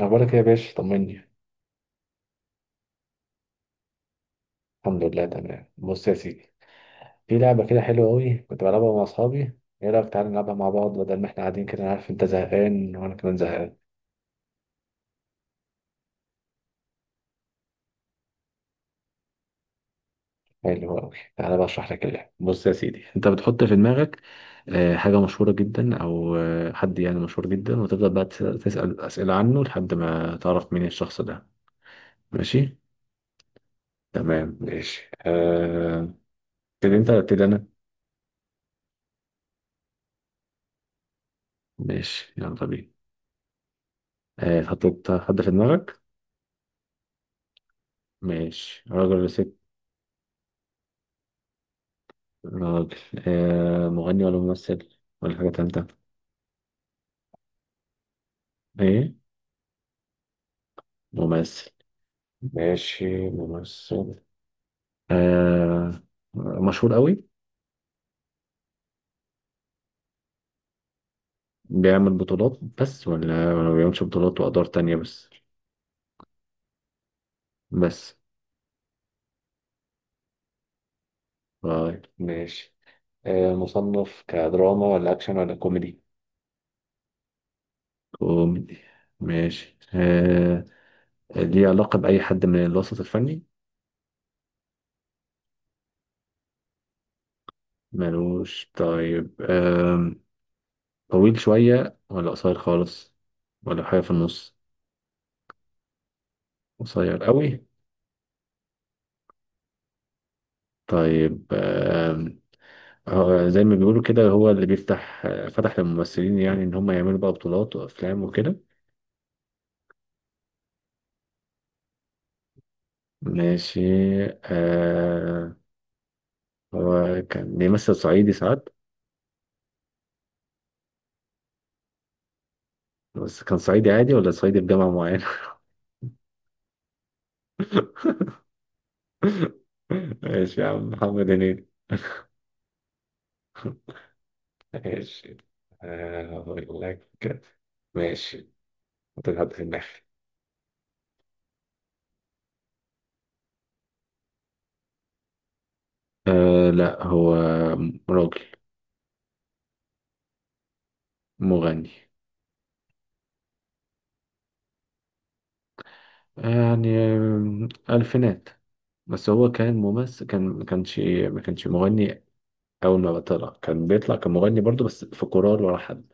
أخبارك إيه يا باشا؟ طمني. الحمد لله، تمام. بص يا سيدي، في لعبة كده حلوة أوي كنت بلعبها مع أصحابي. إيه رأيك؟ تعالى نلعبها مع بعض بدل ما إحنا قاعدين كده. أنا عارف أنت زهقان وأنا كمان زهقان. حلو أوي. تعالى بقى أشرح لك اللعبة. بص يا سيدي، أنت بتحط في دماغك حاجة مشهورة جدا، أو حد يعني مشهور جدا، وتفضل بقى تسأل أسئلة عنه لحد ما تعرف مين الشخص ده. ماشي؟ تمام، ماشي. تبتدي أنت ولا أبتدي أنا؟ ماشي، يلا بينا. حطيت حد في دماغك؟ ماشي. راجل ولا ست؟ راجل. مغني ولا ممثل، ولا حاجة تالتة؟ ايه؟ ممثل. ماشي، ممثل. آه مشهور قوي؟ بيعمل بطولات بس ولا ما بيعملش بطولات وأدوار تانية بس؟ بس؟ طيب، ماشي. مصنف كدراما ولا أكشن ولا كوميدي؟ كوميدي. ماشي. ليه علاقة بأي حد من الوسط الفني؟ ملوش؟ طيب. طويل شوية ولا قصير خالص، ولا حاجة في النص؟ قصير قوي؟ طيب. زي ما بيقولوا كده، هو اللي بيفتح فتح للممثلين، يعني ان هم يعملوا بقى بطولات وافلام وكده. ماشي. آه هو كان بيمثل صعيدي ساعات؟ بس كان صعيدي عادي ولا صعيدي بجامعة معينة؟ ماشي يا عم. محمد هنيدي. ماشي. هقول لك. ماشي، حط حد في دماغي. لا، هو راجل. مغني. يعني ألفينات. بس هو كان ممثل، ما كانش مغني. أول ما طلع كان بيطلع كمغني برضه، بس في كورال ولا حد.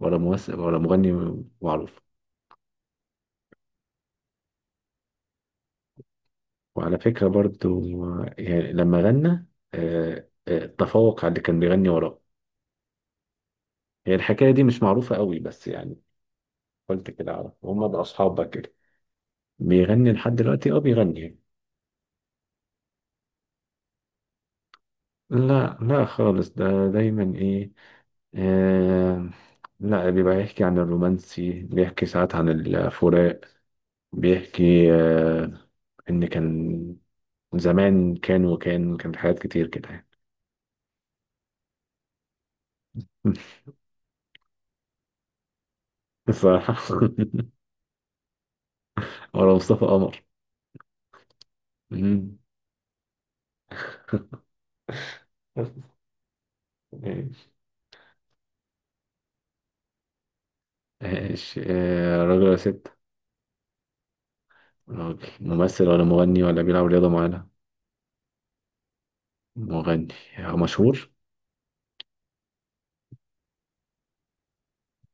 ولا ممثل ولا مغني معروف. وعلى فكرة برضه، يعني لما غنى تفوق على اللي كان بيغني وراه. هي الحكاية دي مش معروفة قوي، بس يعني قلت كده أعرف. هما بقى أصحاب بقى كده. بيغني لحد دلوقتي، أه بيغني. لا لا خالص، ده دايما إيه آه، لا، بيبقى يحكي عن الرومانسي، بيحكي ساعات عن الفراق، بيحكي إن كان زمان، كان وكان حاجات كتير كده يعني. بصراحة. ولا مصطفى قمر. مم. ماشي. ماشي. راجل ولا ست؟ راجل، ممثل ولا مغني ولا بيلعب رياضة معانا؟ مغني. مشهور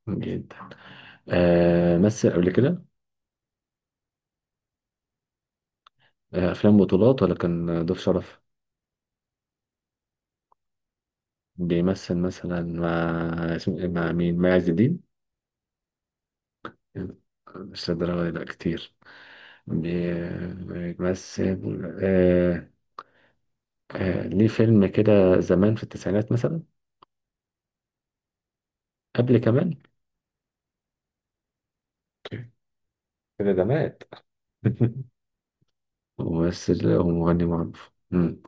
جدا؟ مثل قبل كده؟ أفلام بطولات ولا كان ضيف شرف؟ بيمثل مثلا مع، اسمه مع مين، مع عز الدين؟ مش للدرجة دي، لا كتير. بيمثل. آه ليه فيلم كده زمان في التسعينات مثلا؟ قبل كمان؟ اوكي. كده ده مات؟ وممثل. هو مغني معروف، مم.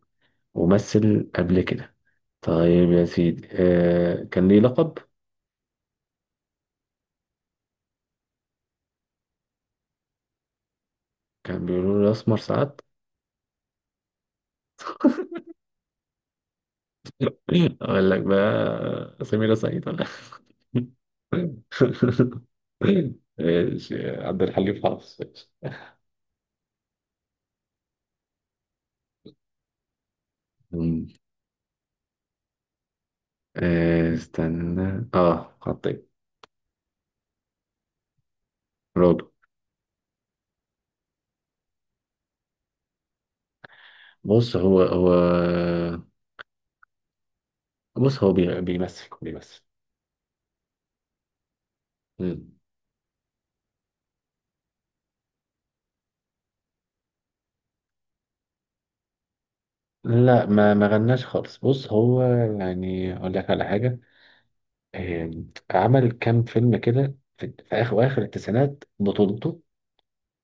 ومثل قبل كده. طيب يا سيدي، كان ليه لقب؟ كان بيقولوا له الأسمر ساعات. أقول لك بقى، سميرة سعيد. ماشي، عبد الحليم حافظ. مم. استنى، خطيب. برافو. بص، هو بص، هو بيمثل. مم. لا، ما غناش خالص. بص، هو يعني اقول لك على حاجه. آه، عمل كام فيلم كده في اخر التسعينات بطولته.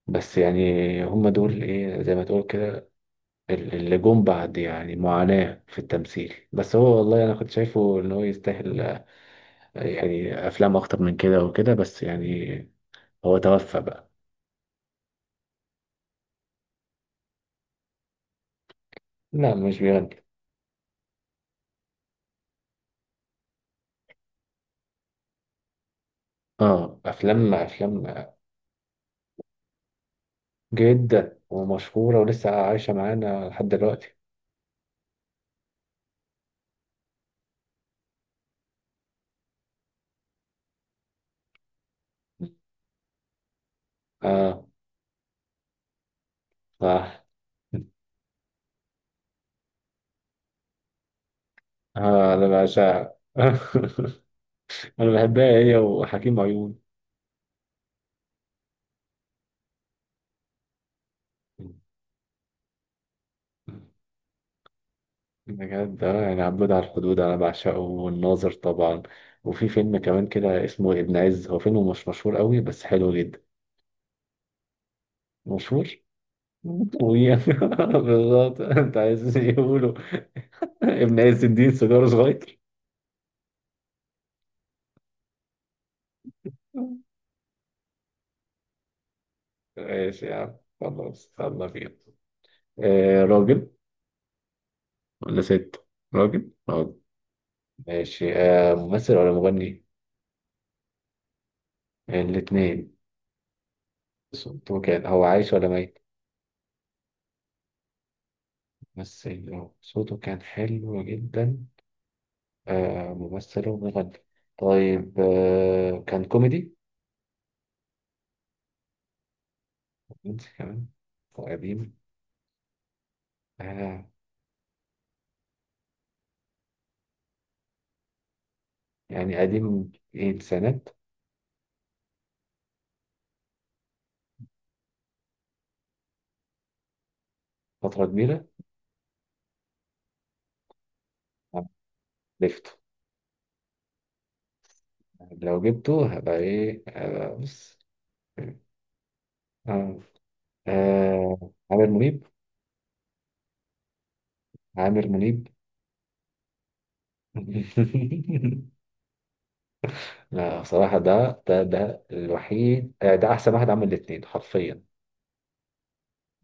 بس يعني هم دول ايه، زي ما تقول كده، اللي جم بعد. يعني معاناة في التمثيل، بس هو والله أنا كنت شايفه إن هو يستاهل يعني أفلام أكتر من كده وكده، بس يعني هو توفى بقى. لا، مش بيغني. اه، أفلام أفلام. جدا، ومشهورة ولسه عايشة معانا لحد دلوقتي. اه، صح. اه، أنا بعشقها. أنا بحبها، هي وحكيم عيون. بجد، اه يعني عبود على الحدود انا بعشقه، والناظر طبعا. وفي فيلم كمان كده اسمه ابن عز، هو فيلم مش مشهور قوي بس حلو جدا. مشهور. طويل. بالظبط، انت عايز يقولوا ابن عز الدين سيجاره صغير. ماشي يا عم. خلاص، يلا بينا. راجل ولا ست؟ راجل، راجل. ماشي. ممثل ولا مغني؟ الاتنين. صوته كان، هو عايش ولا ميت؟ ممثل، صوته كان حلو جدا. ممثل ومغني. طيب، كان كوميدي؟ رومانسي كمان؟ وقديم؟ آه يعني قديم ايه، السنات؟ فترة كبيرة؟ آه، عرفته. لو جبته هبقى ايه. بص. آه. عامر منيب. عامر منيب. لا بصراحة، ده الوحيد. ده أحسن واحد عمل الاتنين حرفيا.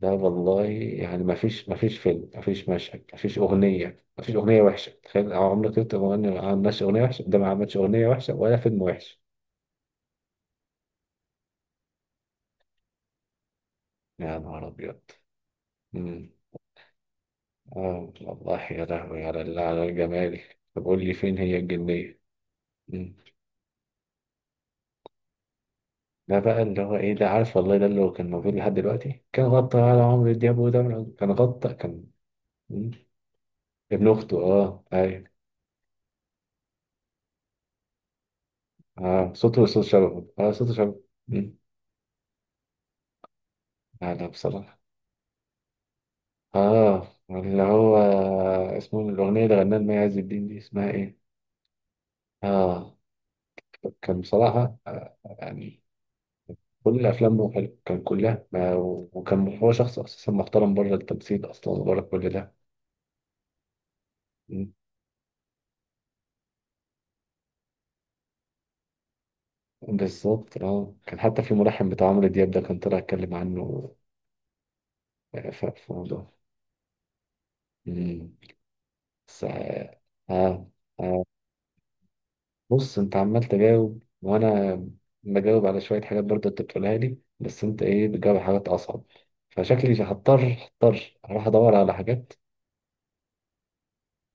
لا والله، يعني ما فيش فيلم، ما فيش مشهد، ما فيش أغنية، ما فيش أغنية وحشة. تخيل عمرك أنت مغني ما عملش أغنية وحشة. ده ما عملش أغنية وحشة ولا فيلم وحش. يا نهار أبيض. امم والله يا لهوي على على الجمال. طب قول لي، فين هي الجنية؟ امم ده بقى اللي هو إيه، ده عارف والله، ده اللي هو كان موجود لحد دلوقتي كان غطى على عمرو دياب. وده كان غطى، كان. مم. ابن أخته، أه أيوه. أه، صوته صوت شبهه، أه صوته شبهه. مم. لا لا، بصراحة اه اللي هو اسمه، الأغنية اللي غناها المي عز الدين دي اسمها إيه؟ اه. كان بصراحة، يعني كل أفلامه حلوة، كان كلها. وكان هو شخص أساسا محترم بره التمثيل أصلا، وبره كل ده. م. بالظبط. اه كان حتى في الملحن بتاع عمرو دياب ده كان طلع يتكلم عنه. في موضوع. م. بس اه آه، آه، بص، انت عمال تجاوب، وانا بجاوب على شوية حاجات برضه انت بتقولها لي. بس انت ايه، بتجاوب على حاجات اصعب. فشكلي هضطر، اروح ادور على حاجات.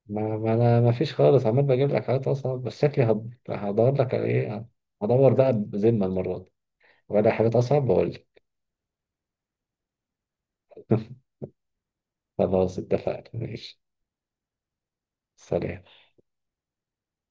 ما انا ما فيش خالص، عمال بجيب لك حاجات اصعب، بس شكلي هدور لك على ايه. هدور بقى بذمة المرة دي، ولا حاجات اصعب بقول لك. خلاص، اتفقنا. ماشي. سلام.